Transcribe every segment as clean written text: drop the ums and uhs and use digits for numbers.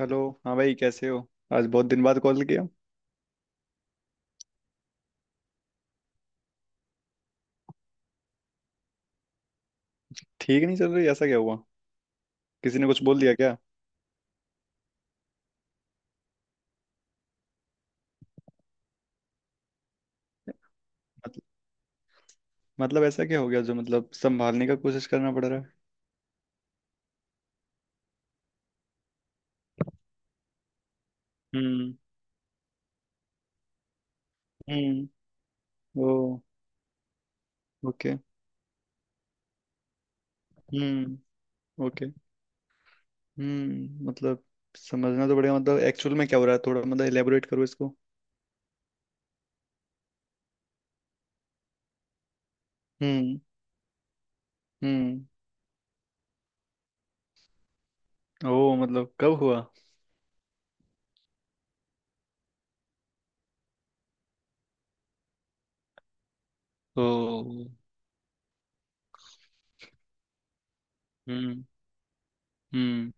Hello. हाँ भाई कैसे हो। आज बहुत दिन बाद कॉल किया। ठीक नहीं चल रही, ऐसा क्या हुआ। किसी ने कुछ बोल दिया क्या। मतलब मतलब ऐसा क्या हो गया जो मतलब संभालने का कोशिश करना पड़ रहा है। हम्म। हम्म। ओ। ओके। हम्म। ओके। हम्म, मतलब समझना तो पड़ेगा, मतलब एक्चुअल में क्या हो रहा है। थोड़ा मतलब एलेबोरेट करो इसको। हम्म। हम्म। ओ मतलब कब हुआ। ओ। हम्म। हम्म।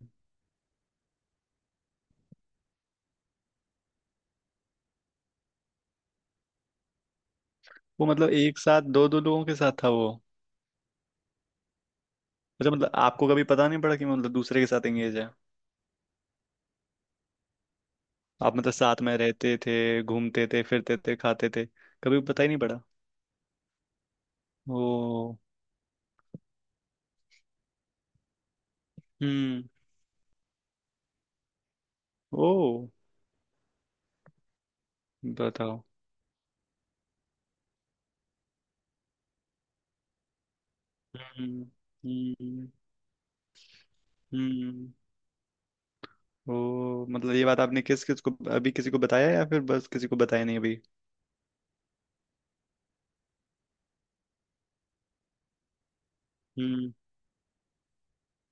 वो मतलब एक साथ दो दो लोगों के साथ था वो। अच्छा मतलब आपको कभी पता नहीं पड़ा कि मतलब दूसरे के साथ एंगेज है। आप मतलब साथ में रहते थे, घूमते थे, फिरते थे, खाते थे, कभी पता ही नहीं पड़ा। ओ। हम्म। ओ। बताओ। हम्म। हम्म। हम्म। ओ मतलब ये बात आपने किस किस को, अभी किसी को बताया या फिर बस किसी को बताया नहीं अभी। हम्म।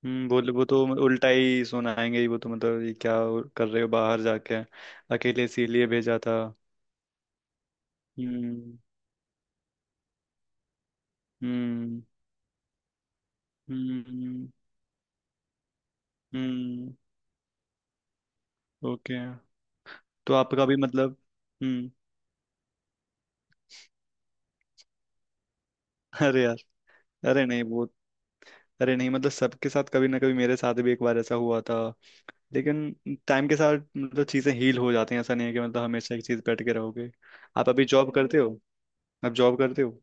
हम्म, बोले वो तो उल्टा ही सुनाएंगे ही वो तो, मतलब ये क्या कर रहे हो बाहर जाके अकेले, इसीलिए भेजा था। हम्म। हम्म। हम्म। हम्म। ओके। तो आपका भी मतलब। हम्म। अरे यार। अरे नहीं वो, अरे नहीं मतलब सबके साथ कभी ना कभी, मेरे साथ भी एक बार ऐसा हुआ था। लेकिन टाइम के साथ मतलब चीजें हील हो जाती हैं, ऐसा नहीं है कि मतलब हमेशा एक चीज बैठ के रहोगे। आप अभी जॉब करते हो। आप जॉब करते हो।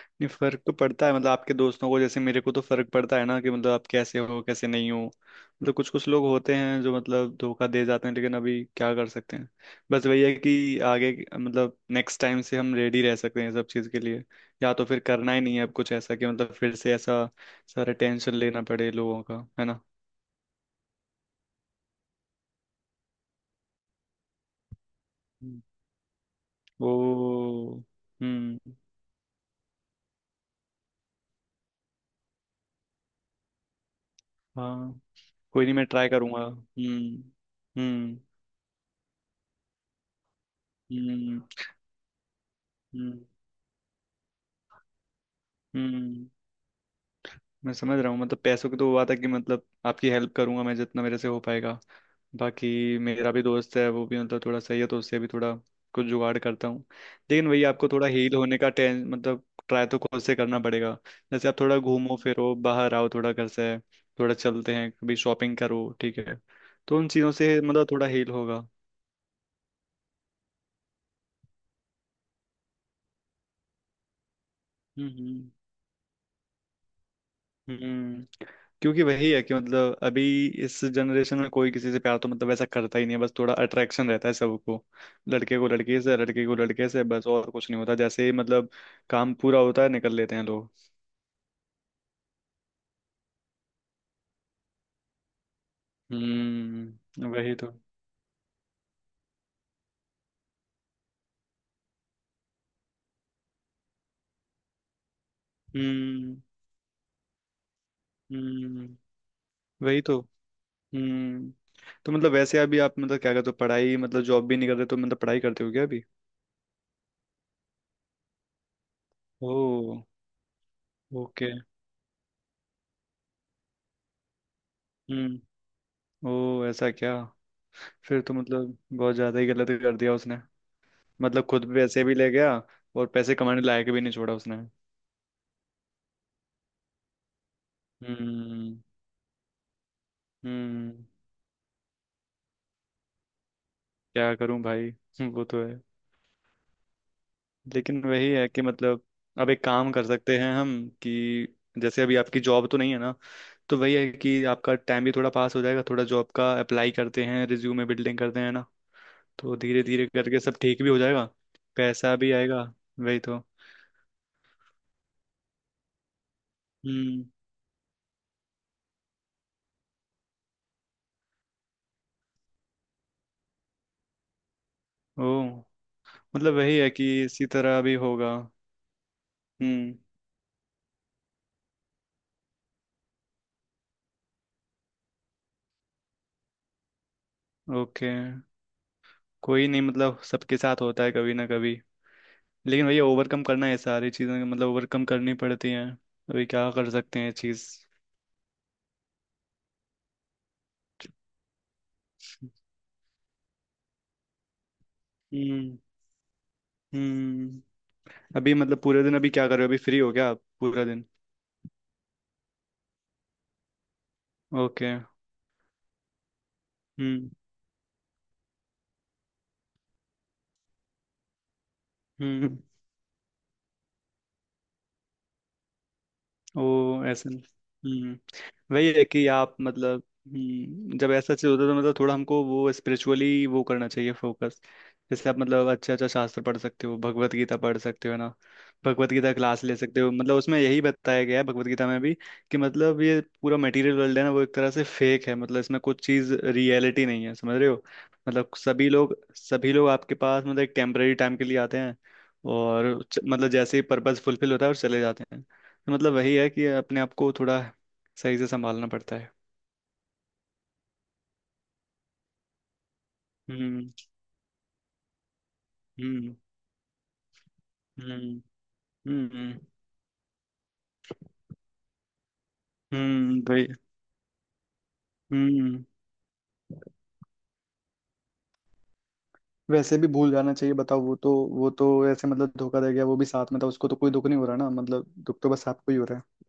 नहीं, फर्क तो पड़ता है मतलब आपके दोस्तों को, जैसे मेरे को तो फर्क पड़ता है ना कि मतलब आप कैसे हो, कैसे नहीं हो। मतलब कुछ कुछ लोग होते हैं जो मतलब धोखा दे जाते हैं, लेकिन अभी क्या कर सकते हैं। बस वही है कि आगे, मतलब नेक्स्ट टाइम से हम रेडी रह सकते हैं ये सब चीज़ के लिए। या तो फिर करना ही नहीं है अब कुछ ऐसा कि मतलब फिर से ऐसा सारा टेंशन लेना पड़े लोगों का। है ना। हम्म। ओ। हम्म। हाँ। कोई नहीं, मैं ट्राई करूंगा। हम्म। हम्म। हम्म। हम्म। हम्म, मैं समझ रहा हूँ। मतलब पैसों की तो हुआ था कि मतलब आपकी हेल्प करूंगा मैं, जितना मेरे से हो पाएगा। बाकी मेरा भी दोस्त है, वो भी मतलब थोड़ा सही है तो उससे भी थोड़ा कुछ जुगाड़ करता हूँ। लेकिन वही, आपको थोड़ा हील होने का टें मतलब ट्राई तो खुद से करना पड़ेगा। जैसे आप थोड़ा घूमो फिरो, बाहर आओ थोड़ा घर से, थोड़ा चलते हैं कभी, शॉपिंग करो, ठीक है। तो उन चीज़ों से मतलब थोड़ा हील होगा। हम्म। हम्म। क्योंकि वही है कि मतलब अभी इस जनरेशन में कोई किसी से प्यार तो मतलब ऐसा करता ही नहीं है, बस थोड़ा अट्रैक्शन रहता है सबको। लड़के को लड़की से, लड़की को लड़के से, बस और कुछ नहीं होता। जैसे ही मतलब काम पूरा होता है निकल लेते हैं लोग। वही तो। हम्म। हम्म वही तो। हम्म, तो मतलब वैसे अभी आप मतलब क्या करते हो, पढ़ाई? मतलब जॉब भी नहीं कर रहे तो मतलब पढ़ाई करते हो क्या अभी। ओ। ओके। हम्म। ओ ऐसा क्या। फिर तो मतलब बहुत ज्यादा ही गलत कर दिया उसने। मतलब खुद पैसे भी ले गया और पैसे कमाने लायक भी नहीं छोड़ा उसने। हम्म। हम्म। क्या करूं भाई। वो तो है। लेकिन वही है कि मतलब अब एक काम कर सकते हैं हम, कि जैसे अभी आपकी जॉब तो नहीं है ना, तो वही है कि आपका टाइम भी थोड़ा पास हो जाएगा, थोड़ा जॉब का अप्लाई करते हैं, रिज्यूमे बिल्डिंग करते हैं ना। तो धीरे धीरे करके सब ठीक भी हो जाएगा, पैसा भी आएगा। वही तो। हम्म। ओ मतलब वही है कि इसी तरह भी होगा। हम्म। ओके। कोई नहीं, मतलब सबके साथ होता है कभी ना कभी। लेकिन भैया ओवरकम करना है, सारी चीज़ें मतलब ओवरकम करनी पड़ती हैं। अभी क्या कर सकते हैं चीज़। हम्म। हम्म। अभी मतलब पूरे दिन अभी क्या कर रहे हो, अभी फ्री हो क्या आप पूरा दिन। ओके। हम्म। हम्म। ओ ऐसे। हम्म। वही है कि आप मतलब, हम्म, जब ऐसा चीज होता है तो मतलब थोड़ा हमको वो स्पिरिचुअली वो करना चाहिए, फोकस। जैसे आप मतलब अच्छा अच्छा शास्त्र पढ़ सकते हो, भगवत गीता पढ़ सकते हो, है ना। भगवत गीता क्लास ले सकते हो। मतलब उसमें यही बताया गया है भगवत गीता में भी कि मतलब ये पूरा मटेरियल वर्ल्ड है ना, वो एक तरह से फेक है। मतलब इसमें कुछ चीज रियलिटी नहीं है, समझ रहे हो। मतलब सभी लोग आपके पास मतलब एक टेम्परेरी टाइम के लिए आते हैं, और मतलब जैसे ही पर्पज फुलफिल होता है और चले जाते हैं। मतलब वही है कि अपने आप को थोड़ा सही से संभालना पड़ता है। हम्म। हम्म। हम्म। हम्म। भाई। हम्म, वैसे भी भूल जाना चाहिए। बताओ वो तो, वो तो ऐसे मतलब धोखा दे गया, वो भी साथ में था, उसको तो कोई दुख नहीं हो रहा ना, मतलब दुख तो बस आपको ही हो रहा है।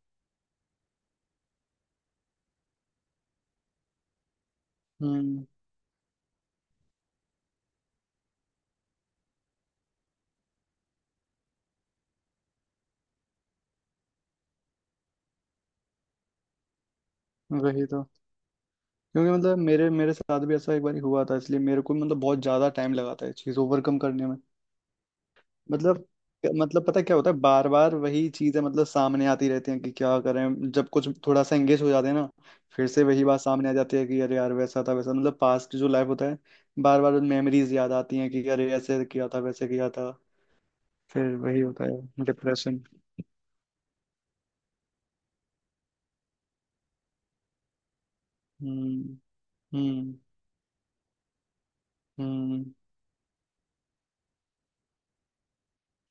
हम्म वही तो। क्योंकि मतलब मेरे मेरे साथ भी ऐसा एक बार हुआ था, इसलिए मेरे को मतलब बहुत ज्यादा टाइम लगा था ये चीज ओवरकम करने में। मतलब मतलब पता है क्या होता है, बार बार वही चीजें मतलब सामने आती रहती हैं कि क्या करें, जब कुछ थोड़ा सा एंगेज हो जाते हैं ना, फिर से वही बात सामने आ जाती है कि अरे यार वैसा था वैसा, मतलब पास्ट जो लाइफ होता है, बार बार मेमोरीज याद आती हैं कि अरे ऐसे किया था, वैसे किया था। फिर वही होता है डिप्रेशन। हम्म। हम्म। हम्म।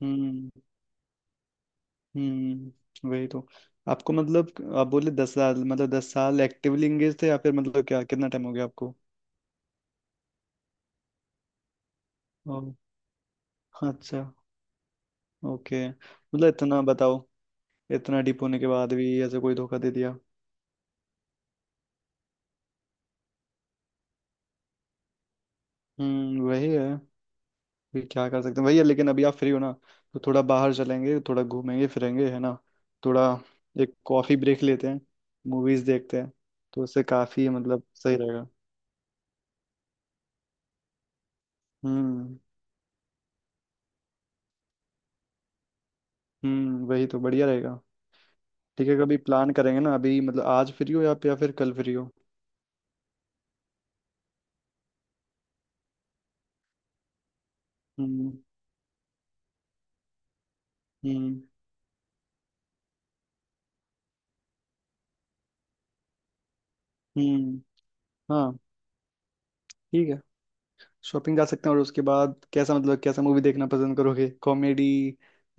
हम्म। वही तो। आपको मतलब, आप बोले 10 साल, मतलब 10 साल एक्टिवली एंगेज थे या फिर मतलब क्या, कितना टाइम हो गया आपको। ओ, अच्छा। ओके मतलब इतना बताओ, इतना डीप होने के बाद भी ऐसे कोई धोखा दे दिया। वही है, फिर क्या कर सकते हैं, वही है। लेकिन अभी आप फ्री हो ना, तो थोड़ा बाहर चलेंगे, थोड़ा घूमेंगे फिरेंगे, है ना। थोड़ा एक कॉफी ब्रेक लेते हैं, मूवीज देखते हैं, तो उससे काफी मतलब सही रहेगा। हम्म। वही तो, बढ़िया रहेगा। ठीक है, कभी प्लान करेंगे ना, अभी मतलब आज फ्री हो या फिर कल फ्री हो। हम्म। हम्म। हम्म। हाँ। ठीक है, शॉपिंग जा सकते हैं और उसके बाद कैसा मतलब, कैसा मूवी देखना पसंद करोगे, कॉमेडी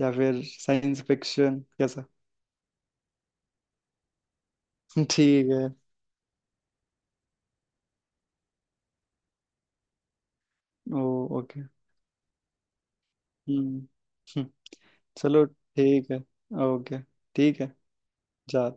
या फिर साइंस फिक्शन, कैसा। ठीक है। ओ। ओके। हम्म। हम्म, चलो ठीक है। ओके। ठीक है। जाते हैं।